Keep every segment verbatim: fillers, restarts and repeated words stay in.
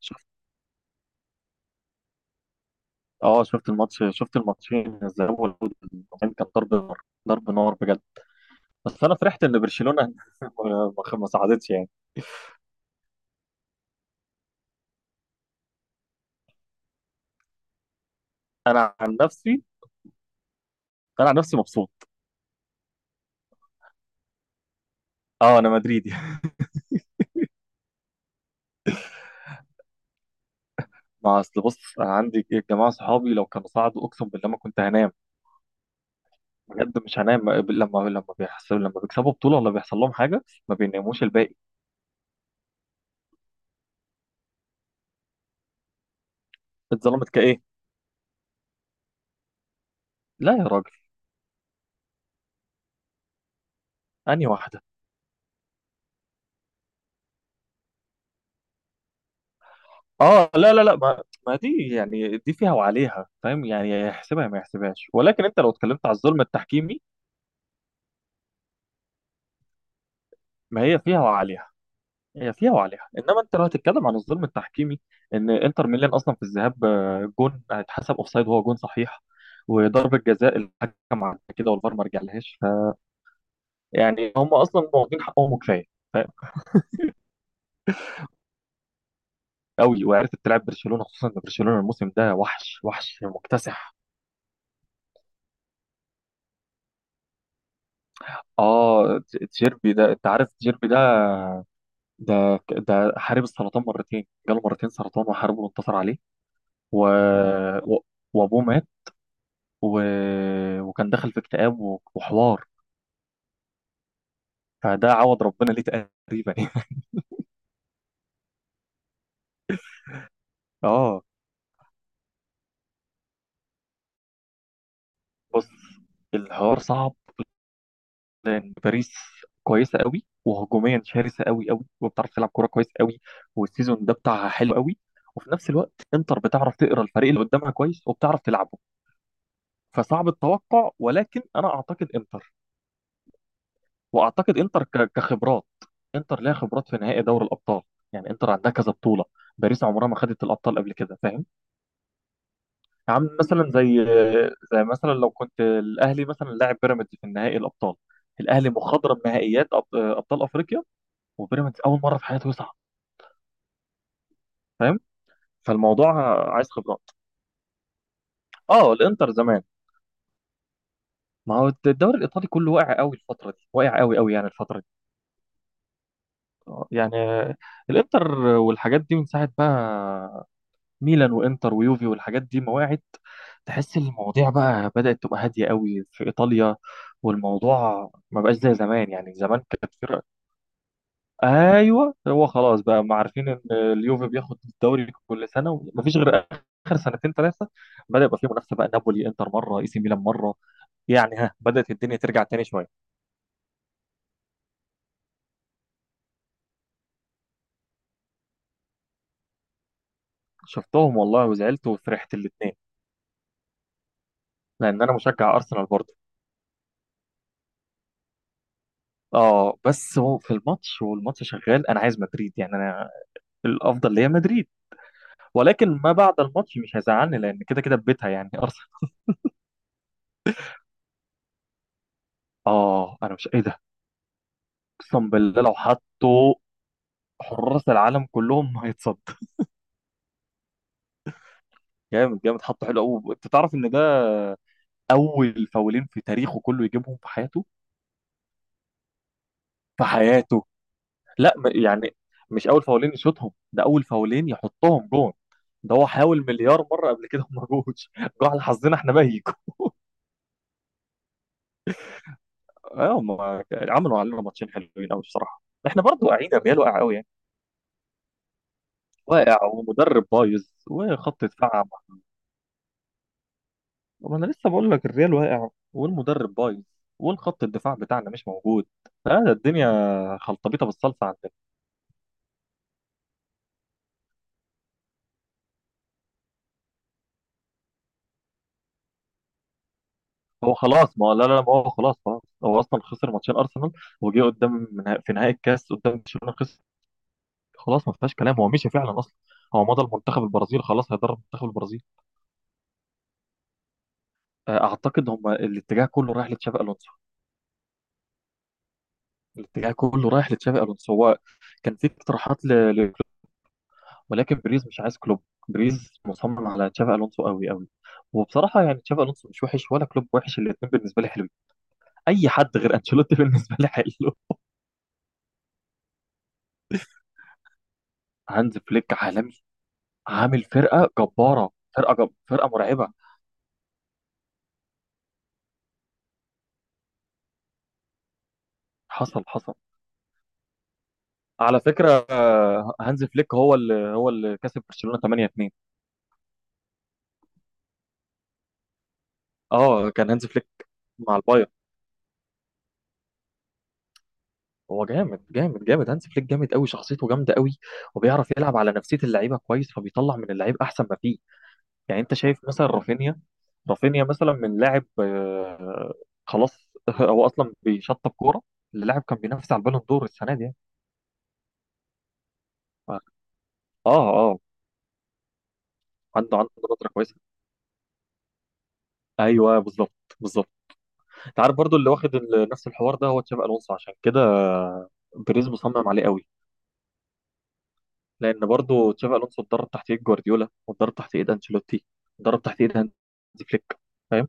شفت. اه شفت الماتش، شفت الماتشين الذهاب والإياب. كان ضرب نار، ضرب نار بجد. بس انا فرحت ان برشلونه ما ما ساعدتش يعني. انا عن نفسي انا عن نفسي مبسوط. اه، انا مدريدي. ما اصل بص، انا عندي جماعه صحابي لو كانوا صعدوا اقسم بالله ما كنت هنام. بجد مش هنام، لما لما بيحصل، لما بيكسبوا بطوله ولا بيحصل لهم حاجه ما بيناموش الباقي. اتظلمت كايه؟ لا يا راجل. انهي واحده؟ اه، لا، لا، لا، ما, ما دي يعني، دي فيها وعليها، فاهم؟ يعني يحسبها ما يحسبهاش، ولكن انت لو اتكلمت على الظلم التحكيمي. ما هي فيها وعليها، هي فيها وعليها، انما انت لو هتتكلم عن الظلم التحكيمي. ان انتر ميلان اصلا في الذهاب، آه، جون هيتحسب اوفسايد وهو جون صحيح. وضربة جزاء الحكم عملها كده والفار ما رجعلهاش. فيعني هم اصلا واخدين حقهم كفايه، فاهم؟ قوي، وعرفت تلعب برشلونه، خصوصا ان برشلونه الموسم ده وحش، وحش مكتسح. اه، ت- تشيربي ده، انت عارف تشيربي ده؟ ده ده حارب السرطان مرتين، جاله مرتين سرطان وحاربه وانتصر عليه. و... و... وابوه مات، و... وكان دخل في اكتئاب و... وحوار. فده عوض ربنا ليه تقريبا. اه بص، الحوار صعب. لان باريس كويسه قوي، وهجوميا شرسه قوي قوي، وبتعرف تلعب كوره كويس قوي. والسيزون ده بتاعها حلو قوي. وفي نفس الوقت انتر بتعرف تقرا الفريق اللي قدامها كويس وبتعرف تلعبه. فصعب التوقع، ولكن انا اعتقد انتر، واعتقد انتر ك- كخبرات. انتر ليها خبرات في نهائي دوري الابطال، يعني انتر عندها كذا بطوله. باريس عمرها ما خدت الابطال قبل كده، فاهم؟ عم مثلا زي زي مثلا لو كنت الاهلي مثلا لاعب بيراميدز في النهائي الابطال. الاهلي مخضرم نهائيات أب- ابطال افريقيا. وبيراميدز اول مره في حياته يصعد، فاهم؟ فالموضوع عايز خبرات. اه الانتر زمان. ما هو الدوري الايطالي كله واقع قوي الفتره دي، واقع قوي قوي يعني الفتره دي. يعني الانتر والحاجات دي من ساعه بقى، ميلان وانتر ويوفي والحاجات دي مواعيد. تحس المواضيع بقى بدأت تبقى هادية قوي في إيطاليا. والموضوع ما بقاش زي زمان، يعني زمان كانت فرق. ايوه هو خلاص بقى، ما عارفين ان اليوفي بياخد الدوري كل سنه ومفيش غير. اخر سنتين ثلاثه بدأ يبقى فيه منافسه بقى، نابولي انتر مره، اي سي ميلان مره. يعني ها، بدأت الدنيا ترجع تاني شويه. شفتهم والله وزعلت وفرحت الاثنين. لان انا مشجع ارسنال برضه. اه بس هو في الماتش والماتش شغال انا عايز مدريد، يعني انا الافضل ليا مدريد. ولكن ما بعد الماتش مش هيزعلني، لان كده كده في بيتها يعني ارسنال. اه انا مش. ايه ده؟ اقسم بالله لو حطوا حراس العالم كلهم هيتصد. جامد جامد. حطه حلو قوي، انت تعرف ان ده اول فاولين في تاريخه كله يجيبهم في حياته، في حياته. لا، م- يعني مش اول فاولين يشوطهم، ده اول فاولين يحطهم جون. ده هو حاول مليار مره قبل كده وما جوش. جه على حظنا احنا ميكو. اه هم عملوا علينا ماتشين حلوين قوي بصراحه. احنا برضو واقعين، الريال واقع قوي يعني. واقع، ومدرب بايظ، وخط دفاع. طب انا لسه بقول لك الريال واقع والمدرب بايظ والخط الدفاع بتاعنا مش موجود. فهذا الدنيا خلطبيطه بالصلصه عندنا. هو خلاص. ما هو- لا، لا، لا، ما هو خلاص خلاص، هو اصلا خسر ماتشين ارسنال. وجه قدام نها- في نهائي الكاس قدام برشلونه خسر. خلاص ما فيهاش كلام، هو مشي فعلا اصلا. هو مضى المنتخب البرازيل، خلاص هيدرب منتخب البرازيل. آه، اعتقد هم الاتجاه كله رايح لتشافي الونسو. الاتجاه كله رايح لتشافي الونسو، هو كان في اقتراحات ل- ولكن بريز مش عايز كلوب، بريز مصمم على تشافي الونسو قوي قوي. وبصراحه يعني تشافي الونسو مش وحش ولا كلوب وحش، الاثنين بالنسبه لي حلوين. اي حد غير انشيلوتي بالنسبه لي حلو. هانز فليك عالمي. عامل فرقه جباره، فرقه جب... فرقه مرعبه. حصل حصل. على فكره، آه، هانز فليك هو اللي هو اللي كسب برشلونه تمانية اتنين. اه كان هانز فليك مع البايرن. هو جامد، جامد، جامد، هانز فليك جامد قوي، شخصيته جامده قوي. وبيعرف يلعب على نفسيه اللعيبه كويس، فبيطلع من اللعيب احسن ما فيه. يعني انت شايف مثلا رافينيا رافينيا مثلا من لاعب آه، خلاص. هو اصلا بيشطب كوره للاعب كان بينافس على البالون دور السنه دي يعني. ف- اه اه عنده عنده نظره كويسه. ايوه بالظبط، بالظبط. انت عارف برضو اللي واخد ال- نفس الحوار ده هو تشابي الونسو، عشان كده بيريز مصمم عليه قوي. لان برضو تشابي الونسو اتدرب تحت ايد جوارديولا، واتدرب تحت ايد انشيلوتي، اتدرب تحت ايد هانزي فليك، فاهم؟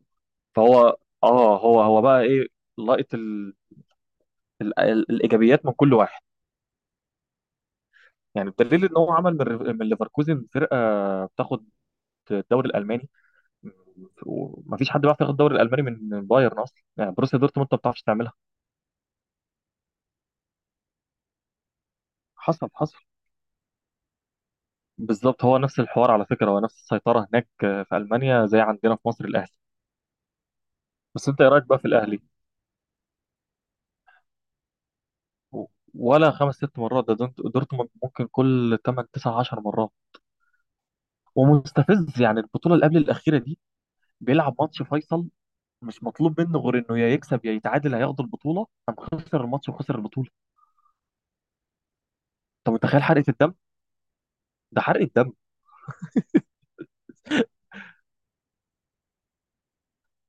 فهو اه هو هو بقى ايه، لقط ال... ال... ال... الايجابيات من كل واحد. يعني بدليل ان هو عمل من ريف- من ليفركوزن فرقه بتاخد الدوري الالماني. ومفيش حد بيعرف ياخد الدوري الالماني من بايرن اصلا، يعني بروسيا دورتموند ما بتعرفش تعملها. حصل حصل بالظبط. هو نفس الحوار على فكره، هو نفس السيطره هناك في المانيا زي عندنا في مصر الاهلي. بس انت ايه رايك بقى في الاهلي؟ و- ولا خمس ست مرات، ده دونت- دورتموند ممكن كل تمان تسع عشر مرات. ومستفز، يعني البطوله اللي قبل الاخيره دي بيلعب ماتش فيصل، مش مطلوب منه غير انه يا يكسب يا يتعادل هياخد البطوله، قام خسر الماتش وخسر البطوله. انت متخيل حرقة الدم؟ ده حرقة دم.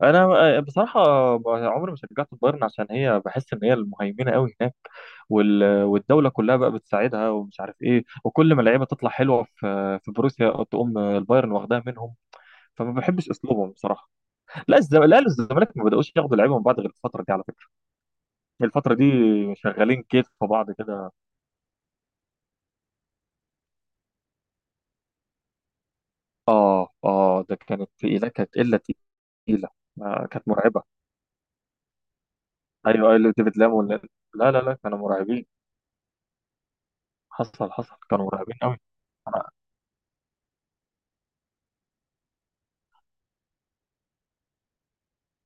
انا بصراحة عمري ما شجعت البايرن، عشان هي بحس ان هي المهيمنة قوي هناك، وال... والدولة كلها بقى بتساعدها ومش عارف ايه، وكل ما اللعيبة تطلع حلوة في في بروسيا تقوم البايرن واخداها منهم. فما بحبش اسلوبهم بصراحة. لا الزم... لا الزمالك ما بدأوش ياخدوا لعيبة من بعض غير الفترة دي، على فكرة الفترة دي شغالين كتف في بعض كده. اه، اه، ده كانت تقيلة، كانت قلة تقيلة، آه، كانت مرعبة. ايوه، ايوه، ديفيد لامو، لا، لا، لا، كانوا مرعبين. حصل حصل كانوا مرعبين قوي. انا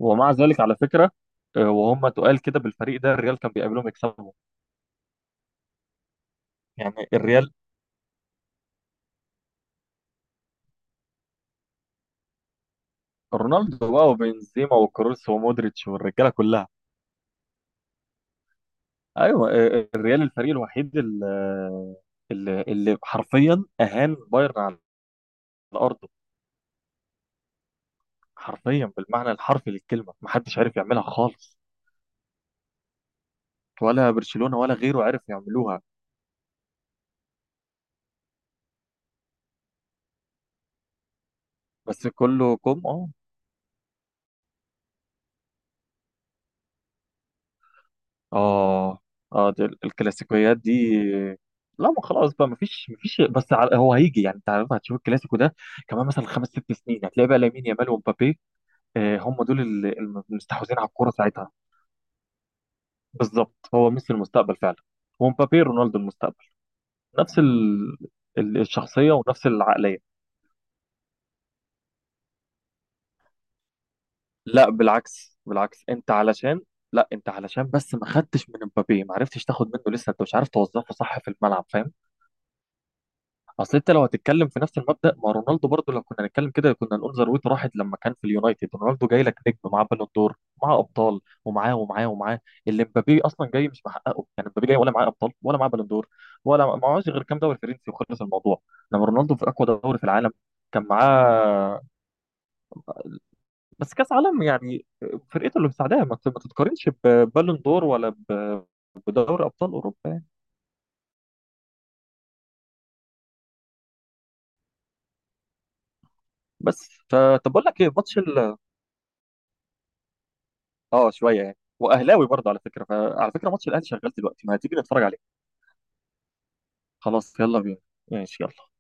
ومع ذلك على فكره، آه، وهم تقال كده بالفريق ده الريال كان بيقابلهم يكسبهم. يعني الريال رونالدو بقى وبنزيما وكروس ومودريتش والرجاله كلها. ايوه، آه، آه، الريال الفريق الوحيد ال- اللي, اللي حرفيا اهان بايرن على ارضه. حرفيا، بالمعنى الحرفي للكلمه محدش عارف يعملها خالص. ولا برشلونه ولا غيره عرف يعملوها. بس كله كوم. اه اه اه دي ال- الكلاسيكويات دي. لا ما خلاص بقى، مفيش، مفيش. بس ع- هو هيجي، يعني انت عارف هتشوف الكلاسيكو ده كمان مثلا خمس ست سنين هتلاقي بقى لامين يامال ومبابي. آه، هم دول ال- الم- المستحوذين على الكوره ساعتها. بالظبط هو ميسي المستقبل فعلا. ومبابي رونالدو المستقبل، نفس ال... ال- الشخصيه ونفس العقليه. لا بالعكس، بالعكس، انت علشان لا انت علشان بس ما خدتش من مبابي، ما عرفتش تاخد منه لسه، انت مش عارف توظفه صح في الملعب، فاهم؟ اصل انت لو هتتكلم في نفس المبدأ، ما رونالدو برضو لو كنا هنتكلم كده كنا نقول ذروته راحت لما كان في اليونايتد، رونالدو جاي لك نجم معاه بالون دور، معاه ابطال ومعاه ومعاه ومعاه. اللي مبابي اصلا جاي مش محققه، يعني مبابي جاي ولا معاه ابطال ولا معاه بالون دور، ولا معهوش غير كام دوري فرنسي وخلص الموضوع. لما رونالدو في اقوى دوري في العالم كان معاه. بس كاس عالم يعني، فرقته اللي مساعداها ما ما تتقارنش ببالون دور، ولا ب- بدوري ابطال اوروبا يعني. بس فطب اقول لك ايه، ماتش ال اه شويه يعني، واهلاوي برضه على فكره، فعلى فكره ماتش الاهلي شغال دلوقتي، ما هتيجي نتفرج عليه؟ خلاص يلا بينا. ماشي، يلا.